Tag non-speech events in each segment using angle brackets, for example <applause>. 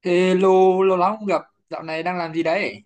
Ê, lâu lâu lắm không gặp, dạo này đang làm gì đấy?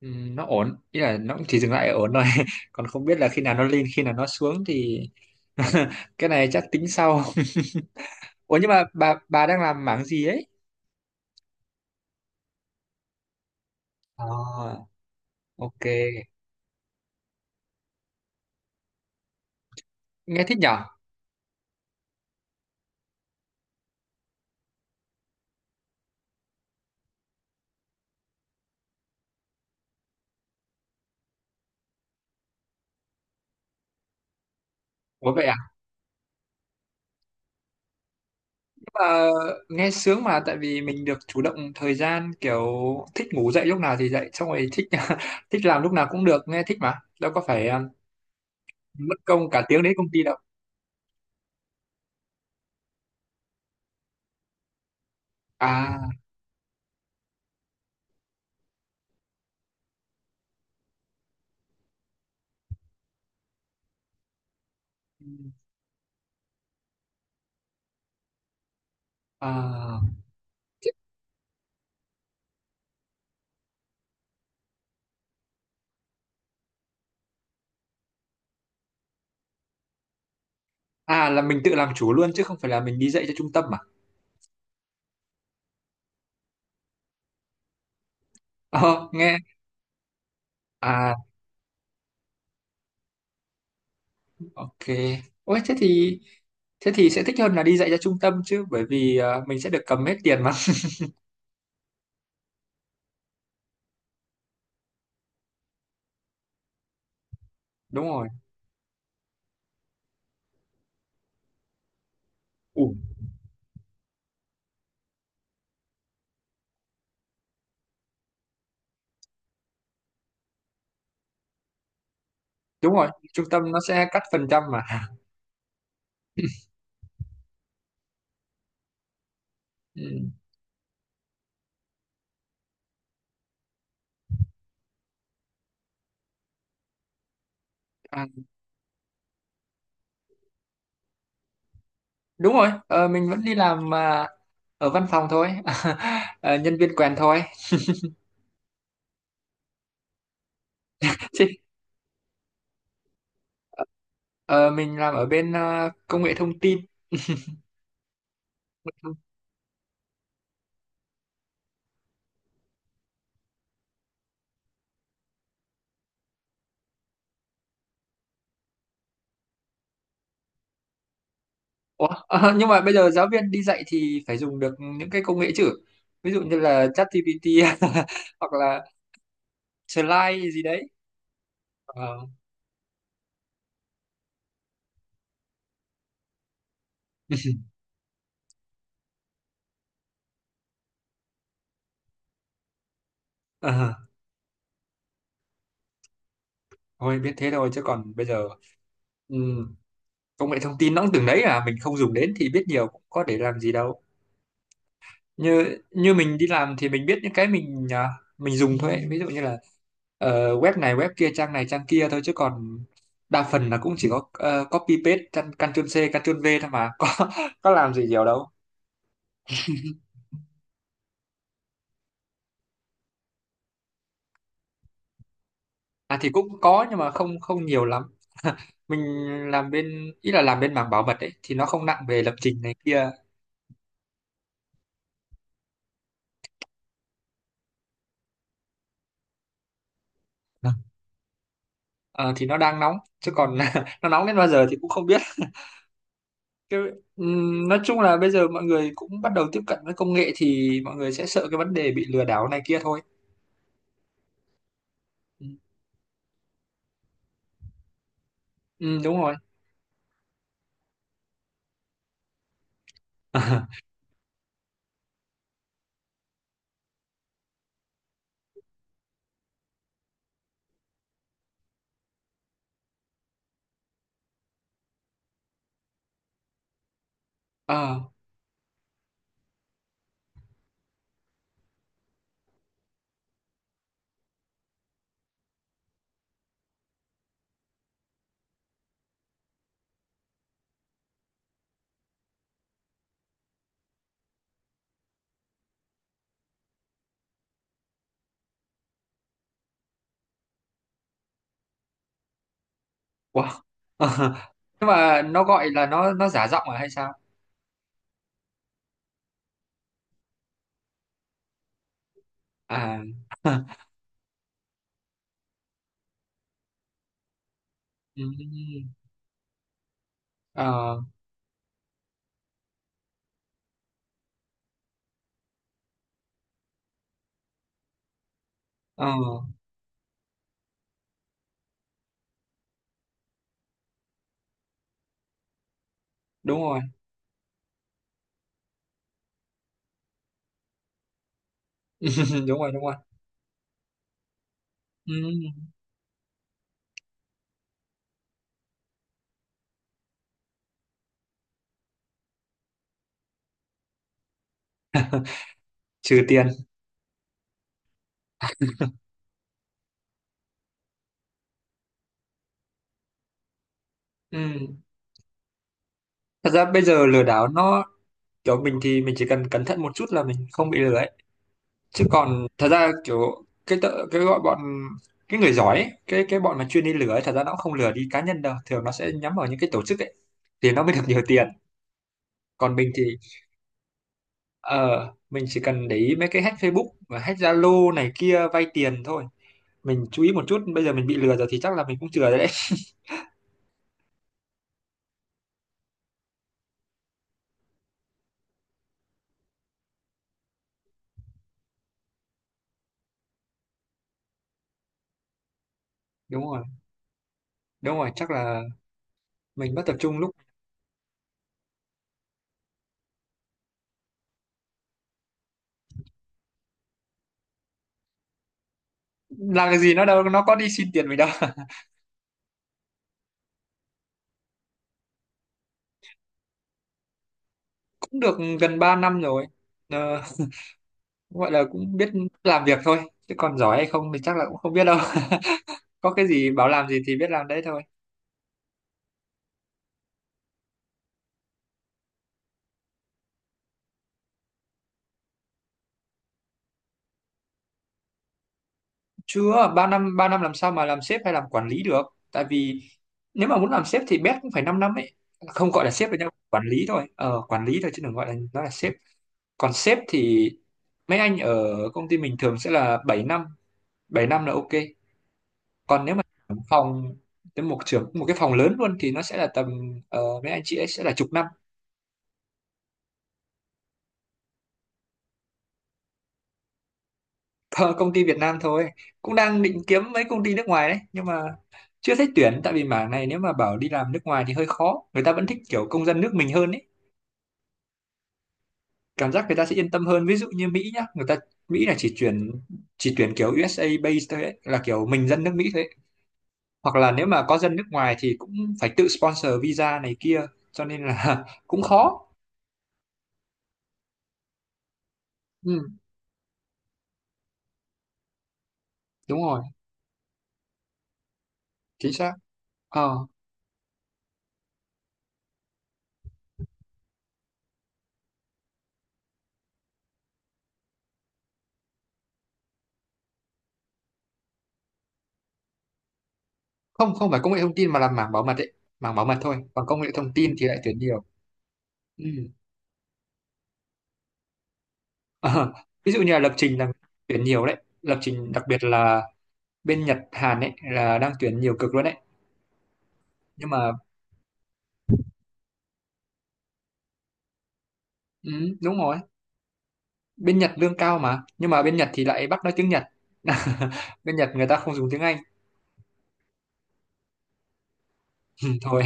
Ừ, nó ổn, ý là nó cũng chỉ dừng lại ở ổn thôi. <laughs> Còn không biết là khi nào nó lên, khi nào nó xuống thì <laughs> cái này chắc tính sau. <laughs> Ủa, nhưng mà bà đang làm mảng gì ấy? À, ok, nghe thích nhở. Ủa vậy à? Nhưng mà nghe sướng mà, tại vì mình được chủ động thời gian, kiểu thích ngủ dậy lúc nào thì dậy, xong rồi thích <laughs> thích làm lúc nào cũng được, nghe thích mà đâu có phải mất công cả tiếng đến công ty đâu. À, à. À, là mình tự làm chủ luôn chứ không phải là mình đi dạy cho trung tâm à? Ờ, nghe. À, ok. Ôi, thế thì sẽ thích hơn là đi dạy cho trung tâm chứ, bởi vì mình sẽ được cầm hết tiền mà. <laughs> Đúng rồi. Ừ, đúng rồi, trung tâm nó sẽ cắt phần trăm mà. <laughs> Ừ. À, đúng rồi. Ờ, mình vẫn đi làm, ở văn phòng thôi. <laughs> Ờ, nhân viên quèn thôi. <laughs> Chứ ờ, mình làm ở bên công nghệ thông tin. Ủa? Ờ, <laughs> nhưng mà bây giờ giáo viên đi dạy thì phải dùng được những cái công nghệ chứ. Ví dụ như là ChatGPT <laughs> hoặc là Slide gì đấy. Ờ. <laughs> Ờ, thôi biết thế thôi, chứ còn bây giờ ừm, công nghệ thông tin nó cũng từng đấy à, mình không dùng đến thì biết nhiều cũng có để làm gì đâu. Như như mình đi làm thì mình biết những cái mình dùng thôi ấy. Ví dụ như là web này web kia, trang này trang kia thôi, chứ còn đa phần là cũng chỉ có copy paste Ctrl C Ctrl V thôi mà, <laughs> có làm gì nhiều đâu. À thì cũng có nhưng mà không không nhiều lắm. <laughs> Mình làm bên, ý là làm bên mảng bảo mật ấy, thì nó không nặng về lập trình này kia. Ờ, thì nó đang nóng chứ còn <laughs> nó nóng đến bao giờ thì cũng không biết. Cái, nói chung là bây giờ mọi người cũng bắt đầu tiếp cận với công nghệ thì mọi người sẽ sợ cái vấn đề bị lừa đảo này kia thôi. Ừ, ừ, đúng rồi. <laughs> Ờ, wow. <laughs> Nhưng mà nó gọi là, nó giả giọng à hay sao? À, ừm, ờ, ờ, đúng rồi. <laughs> Đúng rồi, đúng rồi. Ừ. Trừ tiền. Ừ. Thật ra bây giờ lừa đảo nó, kiểu mình thì mình chỉ cần cẩn thận một chút là mình không bị lừa ấy, chứ còn thật ra kiểu cái gọi bọn, cái người giỏi ấy, cái bọn mà chuyên đi lừa ấy, thật ra nó cũng không lừa đi cá nhân đâu, thường nó sẽ nhắm vào những cái tổ chức ấy thì nó mới được nhiều tiền. Còn mình thì ờ mình chỉ cần để ý mấy cái hack Facebook và hack Zalo này kia vay tiền thôi, mình chú ý một chút. Bây giờ mình bị lừa rồi thì chắc là mình cũng chừa rồi đấy. Đúng rồi, đúng rồi, chắc là mình mất tập trung lúc làm cái gì, nó đâu nó có đi xin tiền mình đâu. <laughs> Cũng được gần 3 năm rồi. Ờ, gọi là cũng biết làm việc thôi, chứ còn giỏi hay không thì chắc là cũng không biết đâu. <laughs> Có cái gì bảo làm gì thì biết làm đấy thôi. Chưa, 3 năm 3 năm làm sao mà làm sếp hay làm quản lý được, tại vì nếu mà muốn làm sếp thì bét cũng phải 5 năm ấy. Không, gọi là sếp với nhau, quản lý thôi, quản lý thôi, chứ đừng gọi là nó là sếp. Còn sếp thì mấy anh ở công ty mình thường sẽ là 7 năm, 7 năm là ok. Còn nếu mà phòng đến một trưởng một cái phòng lớn luôn thì nó sẽ là tầm mấy anh chị ấy sẽ là chục năm. Ờ, công ty Việt Nam thôi, cũng đang định kiếm mấy công ty nước ngoài đấy nhưng mà chưa thấy tuyển, tại vì mảng này nếu mà bảo đi làm nước ngoài thì hơi khó, người ta vẫn thích kiểu công dân nước mình hơn ấy, cảm giác người ta sẽ yên tâm hơn. Ví dụ như Mỹ nhá, người ta Mỹ là chỉ tuyển, chỉ tuyển kiểu USA based thôi ấy, là kiểu mình dân nước Mỹ thôi ấy. Hoặc là nếu mà có dân nước ngoài thì cũng phải tự sponsor visa này kia, cho nên là <laughs> cũng khó. Ừ, đúng rồi, chính xác. ờ, không, không phải công nghệ thông tin mà là mảng bảo mật ấy, mảng bảo mật thôi, còn công nghệ thông tin thì lại tuyển nhiều. Ừ. Ờ, ví dụ như là lập trình là tuyển nhiều đấy, lập trình đặc biệt là bên Nhật Hàn ấy là đang tuyển nhiều cực luôn đấy. Nhưng mà ừ, đúng rồi, bên Nhật lương cao mà, nhưng mà bên Nhật thì lại bắt nói tiếng Nhật. <laughs> Bên Nhật người ta không dùng tiếng Anh. <laughs> Thôi.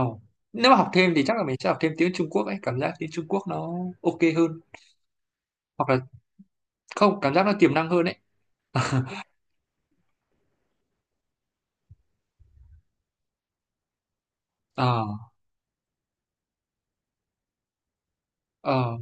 Oh. Nếu mà học thêm thì chắc là mình sẽ học thêm tiếng Trung Quốc ấy, cảm giác tiếng Trung Quốc nó ok hơn. Hoặc là không, cảm giác nó tiềm năng hơn ấy. <laughs> Ờ. Ờ.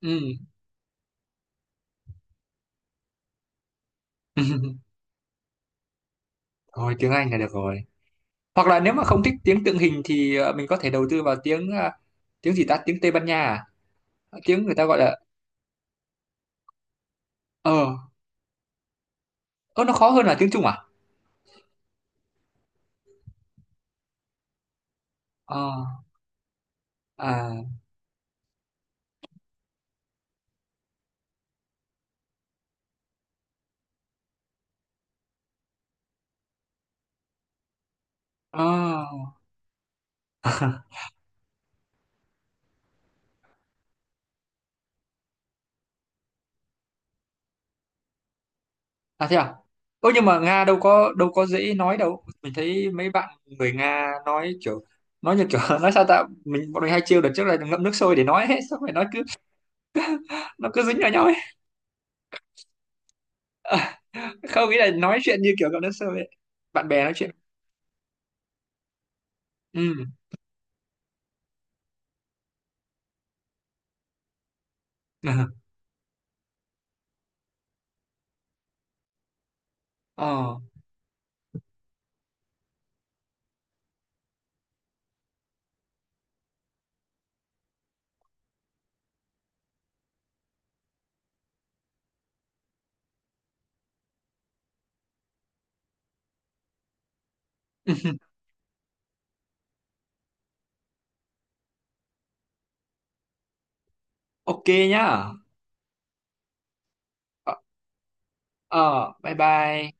Ừ. <laughs> Thôi tiếng Anh là được rồi, hoặc là nếu mà không thích tiếng tượng hình thì mình có thể đầu tư vào tiếng tiếng gì ta, tiếng Tây Ban Nha à? Tiếng người ta gọi là ờ. Ơ, nó khó hơn là tiếng Trung à? Ờ. À. Ờ. À thế à? Ơ nhưng mà Nga đâu có, đâu có dễ nói đâu, mình thấy mấy bạn người Nga nói kiểu nói như kiểu <laughs> nói sao ta, mình bọn mình hay trêu đợt trước là ngậm nước sôi để nói, hết xong rồi nó cứ dính vào nhau ấy. <laughs> Không, nghĩ là nói chuyện như kiểu ngậm nước sôi ấy. Bạn bè nói chuyện. Ừ. <laughs> Ờ. <laughs> Ok, nhá. Ờ, ờ, bye bye.